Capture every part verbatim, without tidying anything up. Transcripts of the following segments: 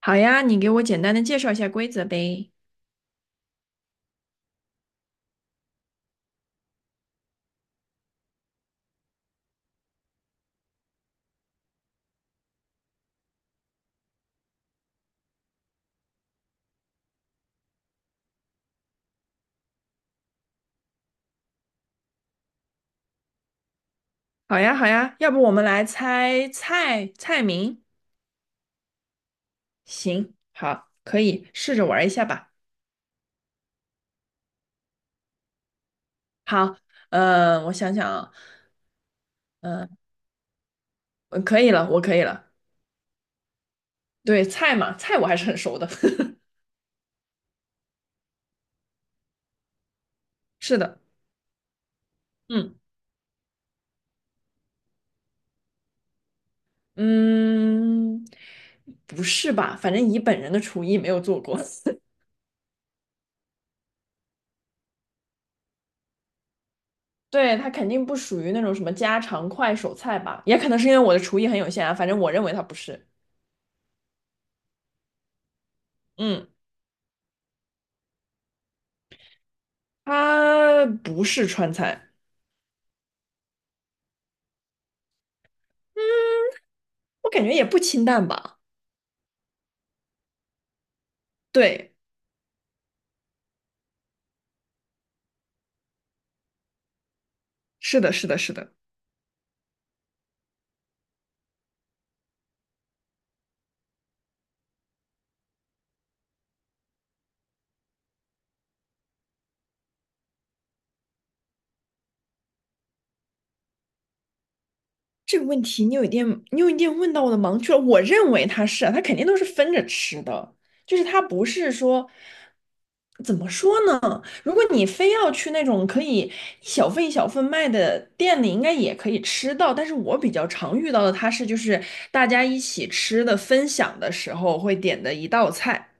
好呀，你给我简单的介绍一下规则呗。好呀，好呀，要不我们来猜菜菜名？行，好，可以试着玩一下吧。好，呃，我想想啊，呃，呃可以了，我可以了。对，菜嘛，菜我还是很熟的。是的，嗯嗯，不是吧？反正以本人的厨艺没有做过。对，它肯定不属于那种什么家常快手菜吧？也可能是因为我的厨艺很有限啊，反正我认为它不是。嗯。它不是川菜，嗯，我感觉也不清淡吧。对，是的，是的，是的。这个问题你有一点，你有一点问到我的盲区了。我认为它是啊，它肯定都是分着吃的，就是它不是说怎么说呢？如果你非要去那种可以一小份一小份卖的店里，应该也可以吃到。但是我比较常遇到的，它是就是大家一起吃的分享的时候会点的一道菜。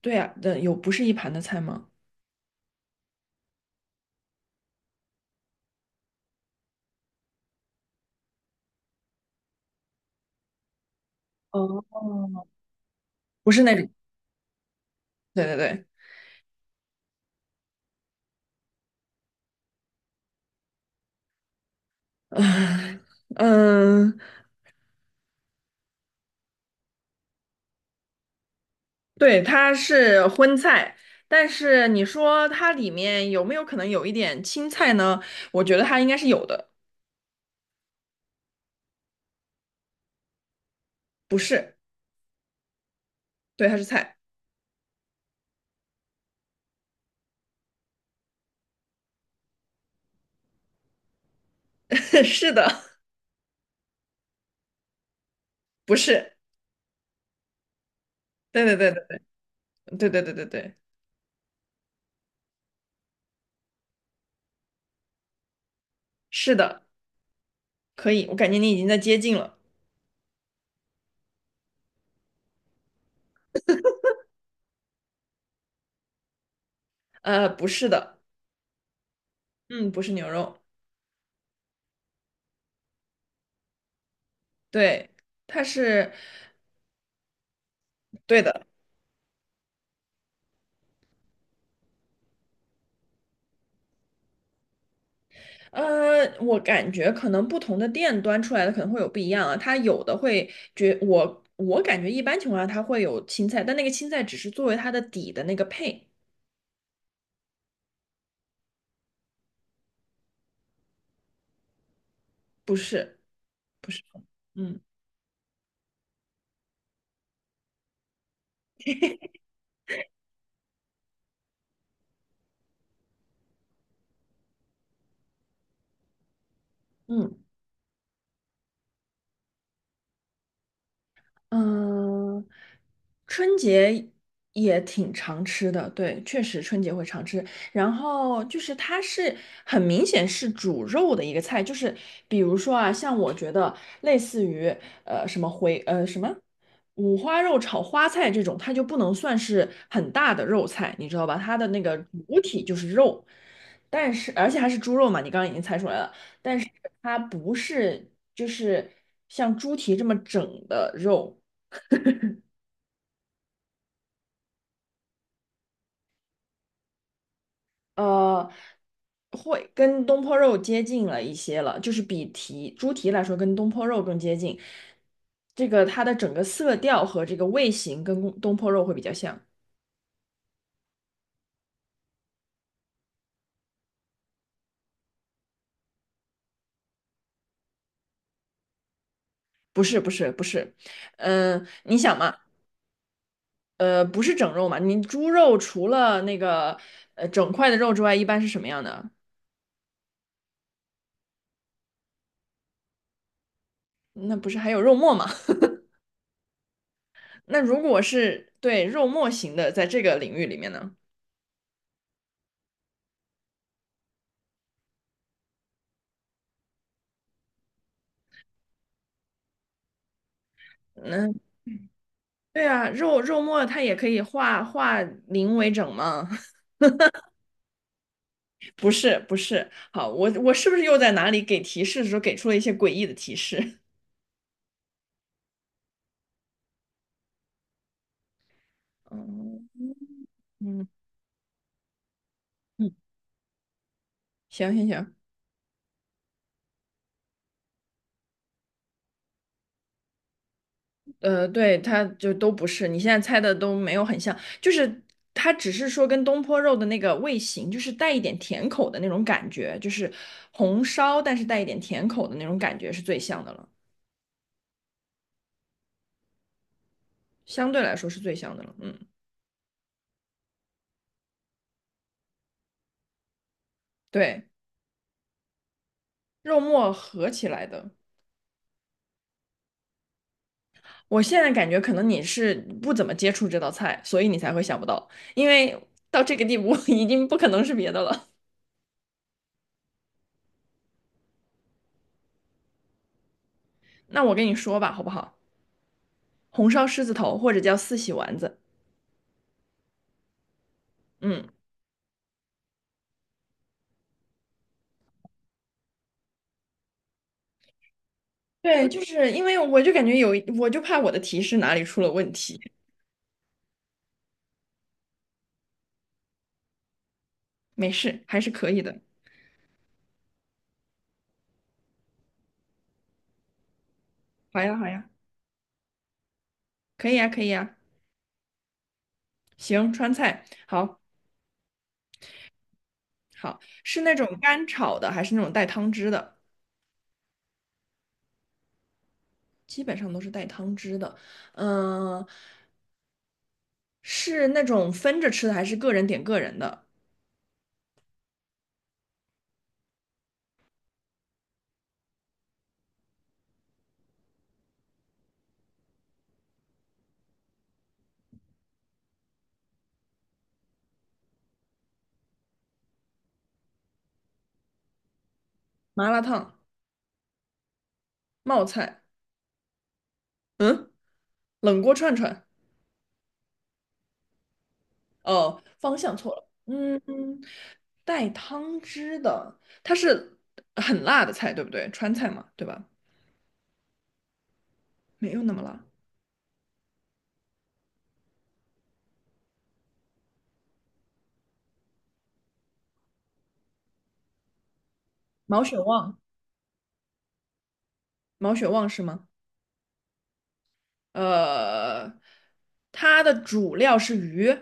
对啊，的有不是一盘的菜吗？不是那种，对对对，嗯嗯，对，它是荤菜，但是你说它里面有没有可能有一点青菜呢？我觉得它应该是有的，不是，对，它是菜，是的，不是，对对对对对对对对对，是的，可以，我感觉你已经在接近了，呃，不是的，嗯，不是牛肉，对，它是对的。呃，我感觉可能不同的店端出来的可能会有不一样啊，它有的会觉我我感觉一般情况下它会有青菜，但那个青菜只是作为它的底的那个配，不是不是，嗯嗯。嗯，春节也挺常吃的，对，确实春节会常吃。然后就是它是很明显是煮肉的一个菜，就是比如说啊，像我觉得类似于呃什么回呃什么五花肉炒花菜这种，它就不能算是很大的肉菜，你知道吧？它的那个主体就是肉，但是而且还是猪肉嘛，你刚刚已经猜出来了。但是它不是就是像猪蹄这么整的肉，呃，会跟东坡肉接近了一些了，就是比蹄猪蹄来说，跟东坡肉更接近。这个它的整个色调和这个味型跟东坡肉会比较像。不是不是不是，嗯、你想嘛，呃，不是整肉嘛，你猪肉除了那个呃整块的肉之外，一般是什么样的？那不是还有肉末吗？那如果是对肉末型的，在这个领域里面呢，嗯，对啊，肉肉末它也可以化化零为整嘛。不是不是，好，我我是不是又在哪里给提示的时候给出了一些诡异的提示？嗯嗯嗯，行行行，呃，对，它就都不是，你现在猜的都没有很像，就是它只是说跟东坡肉的那个味型，就是带一点甜口的那种感觉，就是红烧但是带一点甜口的那种感觉是最像的了，相对来说是最像的了。嗯，对，肉末合起来的，我现在感觉可能你是不怎么接触这道菜，所以你才会想不到，因为到这个地步 已经不可能是别的了。那我跟你说吧，好不好？红烧狮子头或者叫四喜丸子，嗯，对，就是因为我就感觉有一我就怕我的提示哪里出了问题，没事，还是可以的。好呀，好呀，可以呀，可以呀。行，川菜，好，好，是那种干炒的，还是那种带汤汁的？基本上都是带汤汁的。嗯、是那种分着吃的，还是个人点个人的？麻辣烫、冒菜、冷锅串串。哦，方向错了。嗯，带汤汁的，它是很辣的菜，对不对？川菜嘛，对吧？没有那么辣。毛血旺，毛血旺是吗？呃，它的主料是鱼，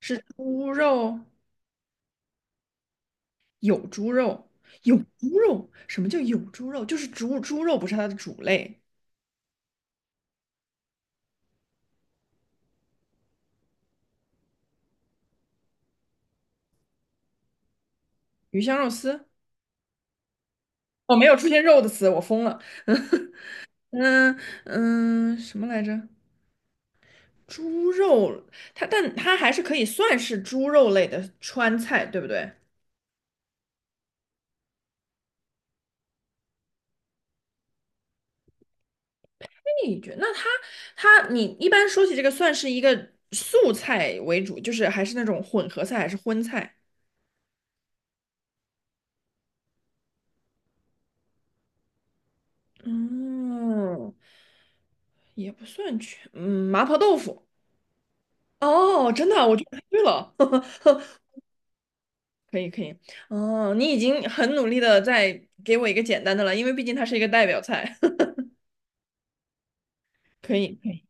是猪肉，有猪肉，有猪肉。什么叫有猪肉？就是猪猪肉不是它的主类。鱼香肉丝，哦，没有出现肉的词，我疯了。那嗯，什么来着？猪肉，它但它还是可以算是猪肉类的川菜，对不对？那觉那它它你一般说起这个，算是一个素菜为主，就是还是那种混合菜还是荤菜？嗯，也不算全，嗯，麻婆豆腐。哦，真的，我觉得对了，可以可以。哦，你已经很努力的在给我一个简单的了，因为毕竟它是一个代表菜，可以可以。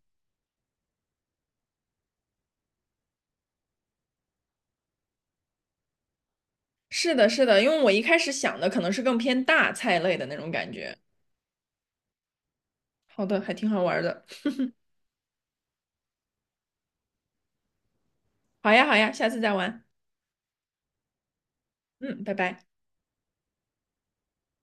是的，是的，因为我一开始想的可能是更偏大菜类的那种感觉。好的，还挺好玩的。好呀，好呀，下次再玩。嗯，拜拜。